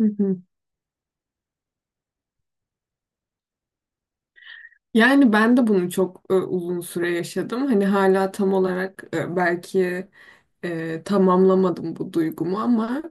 Hı hı. Yani ben de bunu çok uzun süre yaşadım. Hani hala tam olarak belki tamamlamadım bu duygumu ama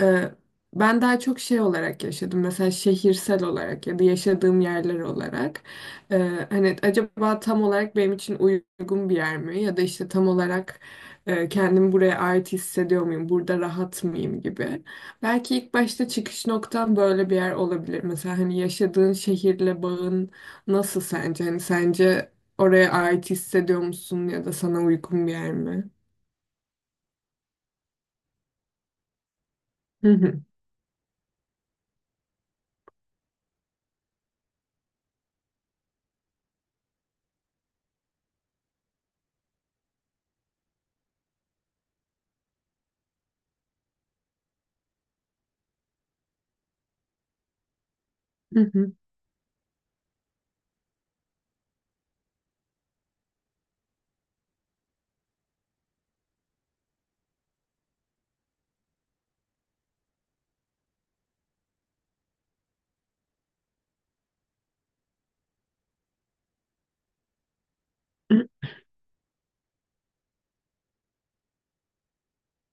e, ben daha çok şey olarak yaşadım. Mesela şehirsel olarak ya da yaşadığım yerler olarak. Hani acaba tam olarak benim için uygun bir yer mi? Ya da işte tam olarak kendimi buraya ait hissediyor muyum? Burada rahat mıyım gibi. Belki ilk başta çıkış noktam böyle bir yer olabilir. Mesela hani yaşadığın şehirle bağın nasıl sence? Hani sence oraya ait hissediyor musun ya da sana uygun bir yer mi? Hı hı, hı hı, hı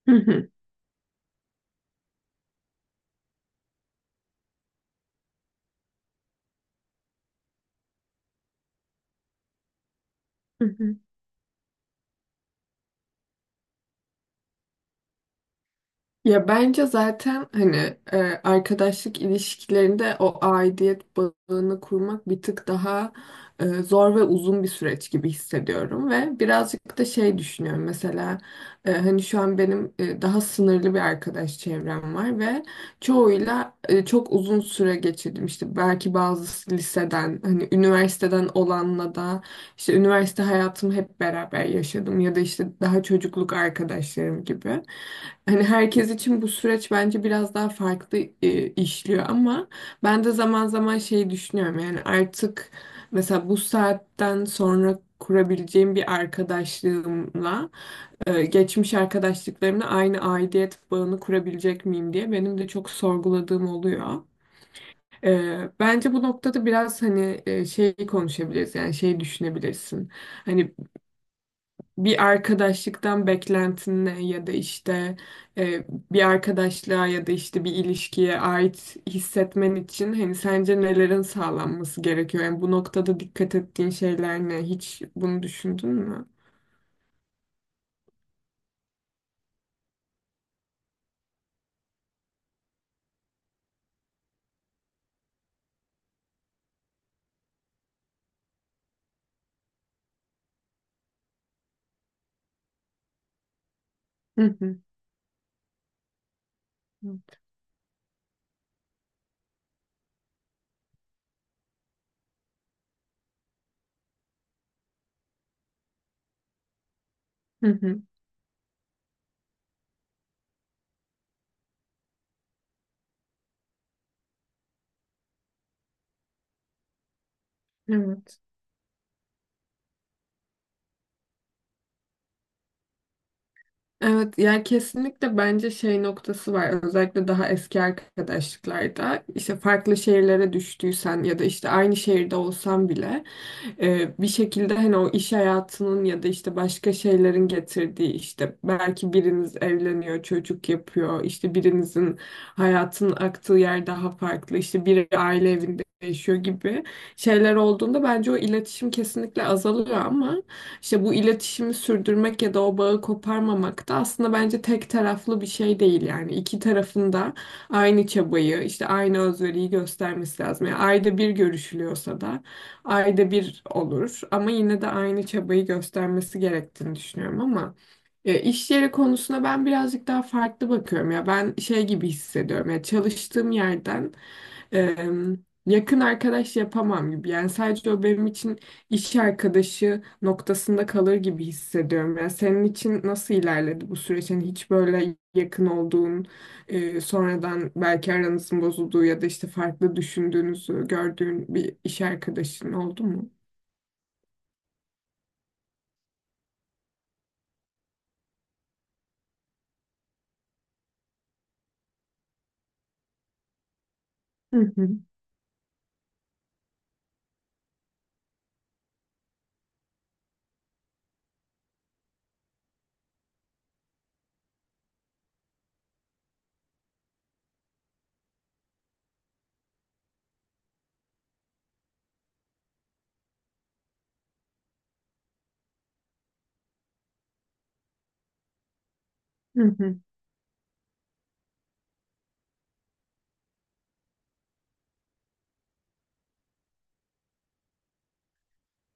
hı, hı hı. Ya bence zaten hani arkadaşlık ilişkilerinde o aidiyet bağını kurmak bir tık daha zor ve uzun bir süreç gibi hissediyorum ve birazcık da şey düşünüyorum mesela hani şu an benim daha sınırlı bir arkadaş çevrem var ve çoğuyla çok uzun süre geçirdim işte belki bazı liseden hani üniversiteden olanla da işte üniversite hayatımı hep beraber yaşadım ya da işte daha çocukluk arkadaşlarım gibi. Hani herkes için bu süreç bence biraz daha farklı işliyor ama ben de zaman zaman şey düşünüyorum yani artık mesela bu saatten sonra kurabileceğim bir arkadaşlığımla geçmiş arkadaşlıklarımla aynı aidiyet bağını kurabilecek miyim diye benim de çok sorguladığım oluyor. Bence bu noktada biraz hani şey konuşabiliriz yani şey düşünebilirsin. Hani bir arkadaşlıktan beklentin ne ya da işte bir arkadaşlığa ya da işte bir ilişkiye ait hissetmen için hani sence nelerin sağlanması gerekiyor? Yani bu noktada dikkat ettiğin şeyler ne? Hiç bunu düşündün mü? Hı hı. Hı hı. Evet yani kesinlikle bence şey noktası var, özellikle daha eski arkadaşlıklarda işte farklı şehirlere düştüysen ya da işte aynı şehirde olsan bile bir şekilde hani o iş hayatının ya da işte başka şeylerin getirdiği işte belki biriniz evleniyor, çocuk yapıyor, işte birinizin hayatının aktığı yer daha farklı, işte biri aile evinde yaşıyor gibi şeyler olduğunda bence o iletişim kesinlikle azalıyor ama işte bu iletişimi sürdürmek ya da o bağı koparmamak da aslında bence tek taraflı bir şey değil, yani iki tarafında aynı çabayı işte aynı özveriyi göstermesi lazım. Yani ayda bir görüşülüyorsa da ayda bir olur ama yine de aynı çabayı göstermesi gerektiğini düşünüyorum ama iş yeri konusuna ben birazcık daha farklı bakıyorum, ya ben şey gibi hissediyorum, ya çalıştığım yerden Eee, yakın arkadaş yapamam gibi. Yani sadece o benim için iş arkadaşı noktasında kalır gibi hissediyorum. Yani senin için nasıl ilerledi bu süreç? Yani hiç böyle yakın olduğun, sonradan belki aranızın bozulduğu ya da işte farklı düşündüğünüzü gördüğün bir iş arkadaşın oldu mu? Hı hı, hı hı.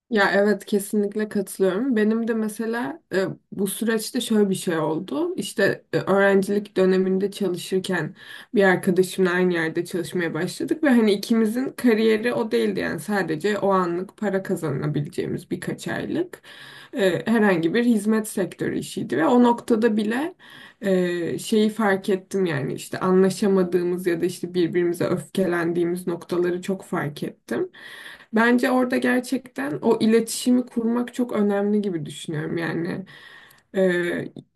Ya evet, kesinlikle katılıyorum. Benim de mesela bu süreçte şöyle bir şey oldu. İşte öğrencilik döneminde çalışırken bir arkadaşımla aynı yerde çalışmaya başladık ve hani ikimizin kariyeri o değildi, yani sadece o anlık para kazanabileceğimiz birkaç aylık herhangi bir hizmet sektörü işiydi ve o noktada bile şeyi fark ettim, yani işte anlaşamadığımız ya da işte birbirimize öfkelendiğimiz noktaları çok fark ettim. Bence orada gerçekten o iletişimi kurmak çok önemli gibi düşünüyorum. E,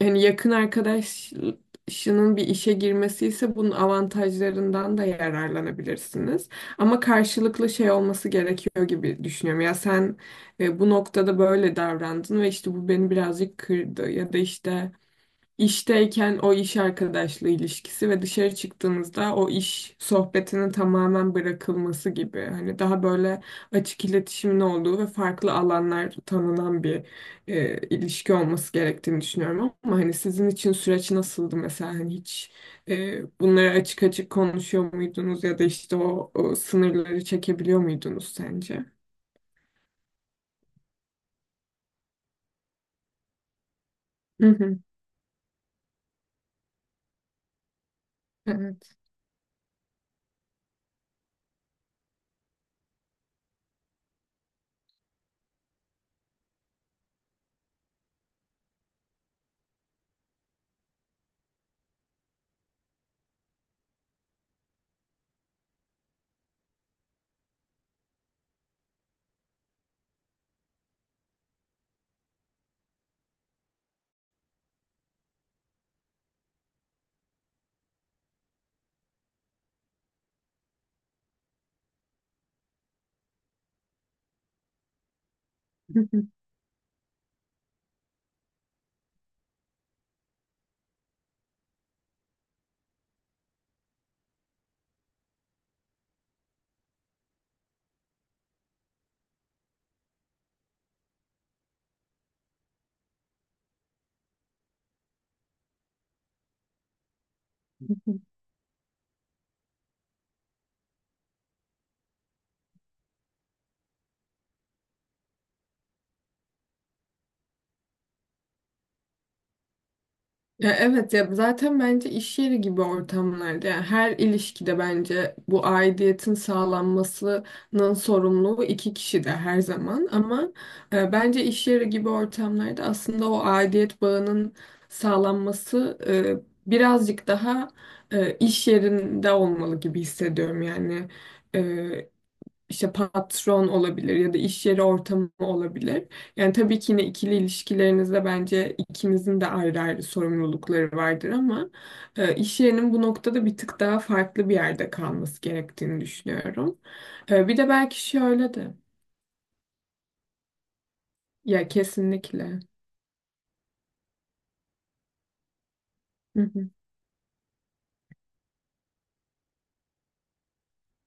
yani yakın arkadaşının bir işe girmesi ise bunun avantajlarından da yararlanabilirsiniz. Ama karşılıklı şey olması gerekiyor gibi düşünüyorum. Ya sen bu noktada böyle davrandın ve işte bu beni birazcık kırdı ya da işte İşteyken o iş arkadaşlığı ilişkisi ve dışarı çıktığımızda o iş sohbetinin tamamen bırakılması gibi. Hani daha böyle açık iletişimin olduğu ve farklı alanlar tanınan bir ilişki olması gerektiğini düşünüyorum. Ama hani sizin için süreç nasıldı mesela? Hani hiç bunları açık açık konuşuyor muydunuz ya da işte o sınırları çekebiliyor muydunuz sence? Hı hı. Evet. Ya evet, ya zaten bence iş yeri gibi ortamlarda, yani her ilişkide bence bu aidiyetin sağlanmasının sorumluluğu iki kişi de her zaman ama bence iş yeri gibi ortamlarda aslında o aidiyet bağının sağlanması birazcık daha iş yerinde olmalı gibi hissediyorum yani. e, işte patron olabilir ya da iş yeri ortamı olabilir. Yani tabii ki yine ikili ilişkilerinizde bence ikinizin de ayrı ayrı sorumlulukları vardır ama iş yerinin bu noktada bir tık daha farklı bir yerde kalması gerektiğini düşünüyorum. Bir de belki şöyle de. Ya, kesinlikle. Hı hı.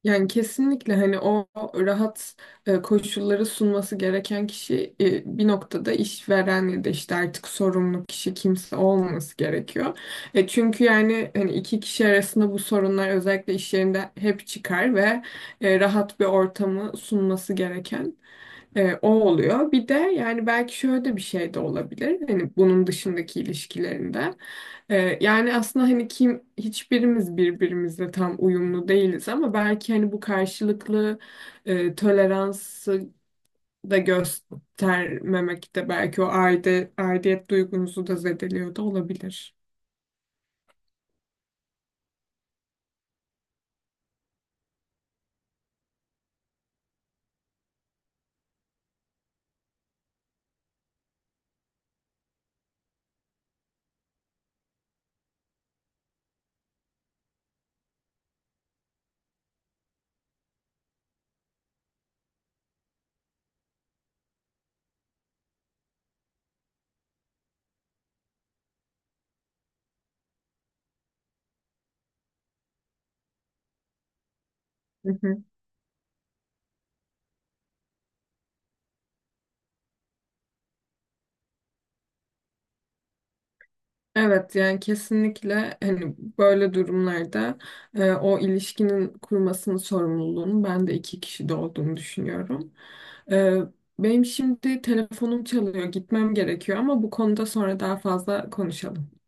Yani kesinlikle hani o rahat koşulları sunması gereken kişi bir noktada işveren ya da işte artık sorumlu kişi kimse olması gerekiyor. Çünkü yani hani iki kişi arasında bu sorunlar özellikle iş yerinde hep çıkar ve rahat bir ortamı sunması gereken. O oluyor. Bir de yani belki şöyle de bir şey de olabilir. Hani bunun dışındaki ilişkilerinde. Yani aslında hani kim, hiçbirimiz birbirimizle tam uyumlu değiliz ama belki hani bu karşılıklı toleransı da göstermemek de belki o aidiyet duygunuzu da zedeliyor da olabilir. Evet, yani kesinlikle hani böyle durumlarda o ilişkinin kurmasının sorumluluğunu ben de iki kişide olduğunu düşünüyorum. E, Benim şimdi telefonum çalıyor, gitmem gerekiyor ama bu konuda sonra daha fazla konuşalım.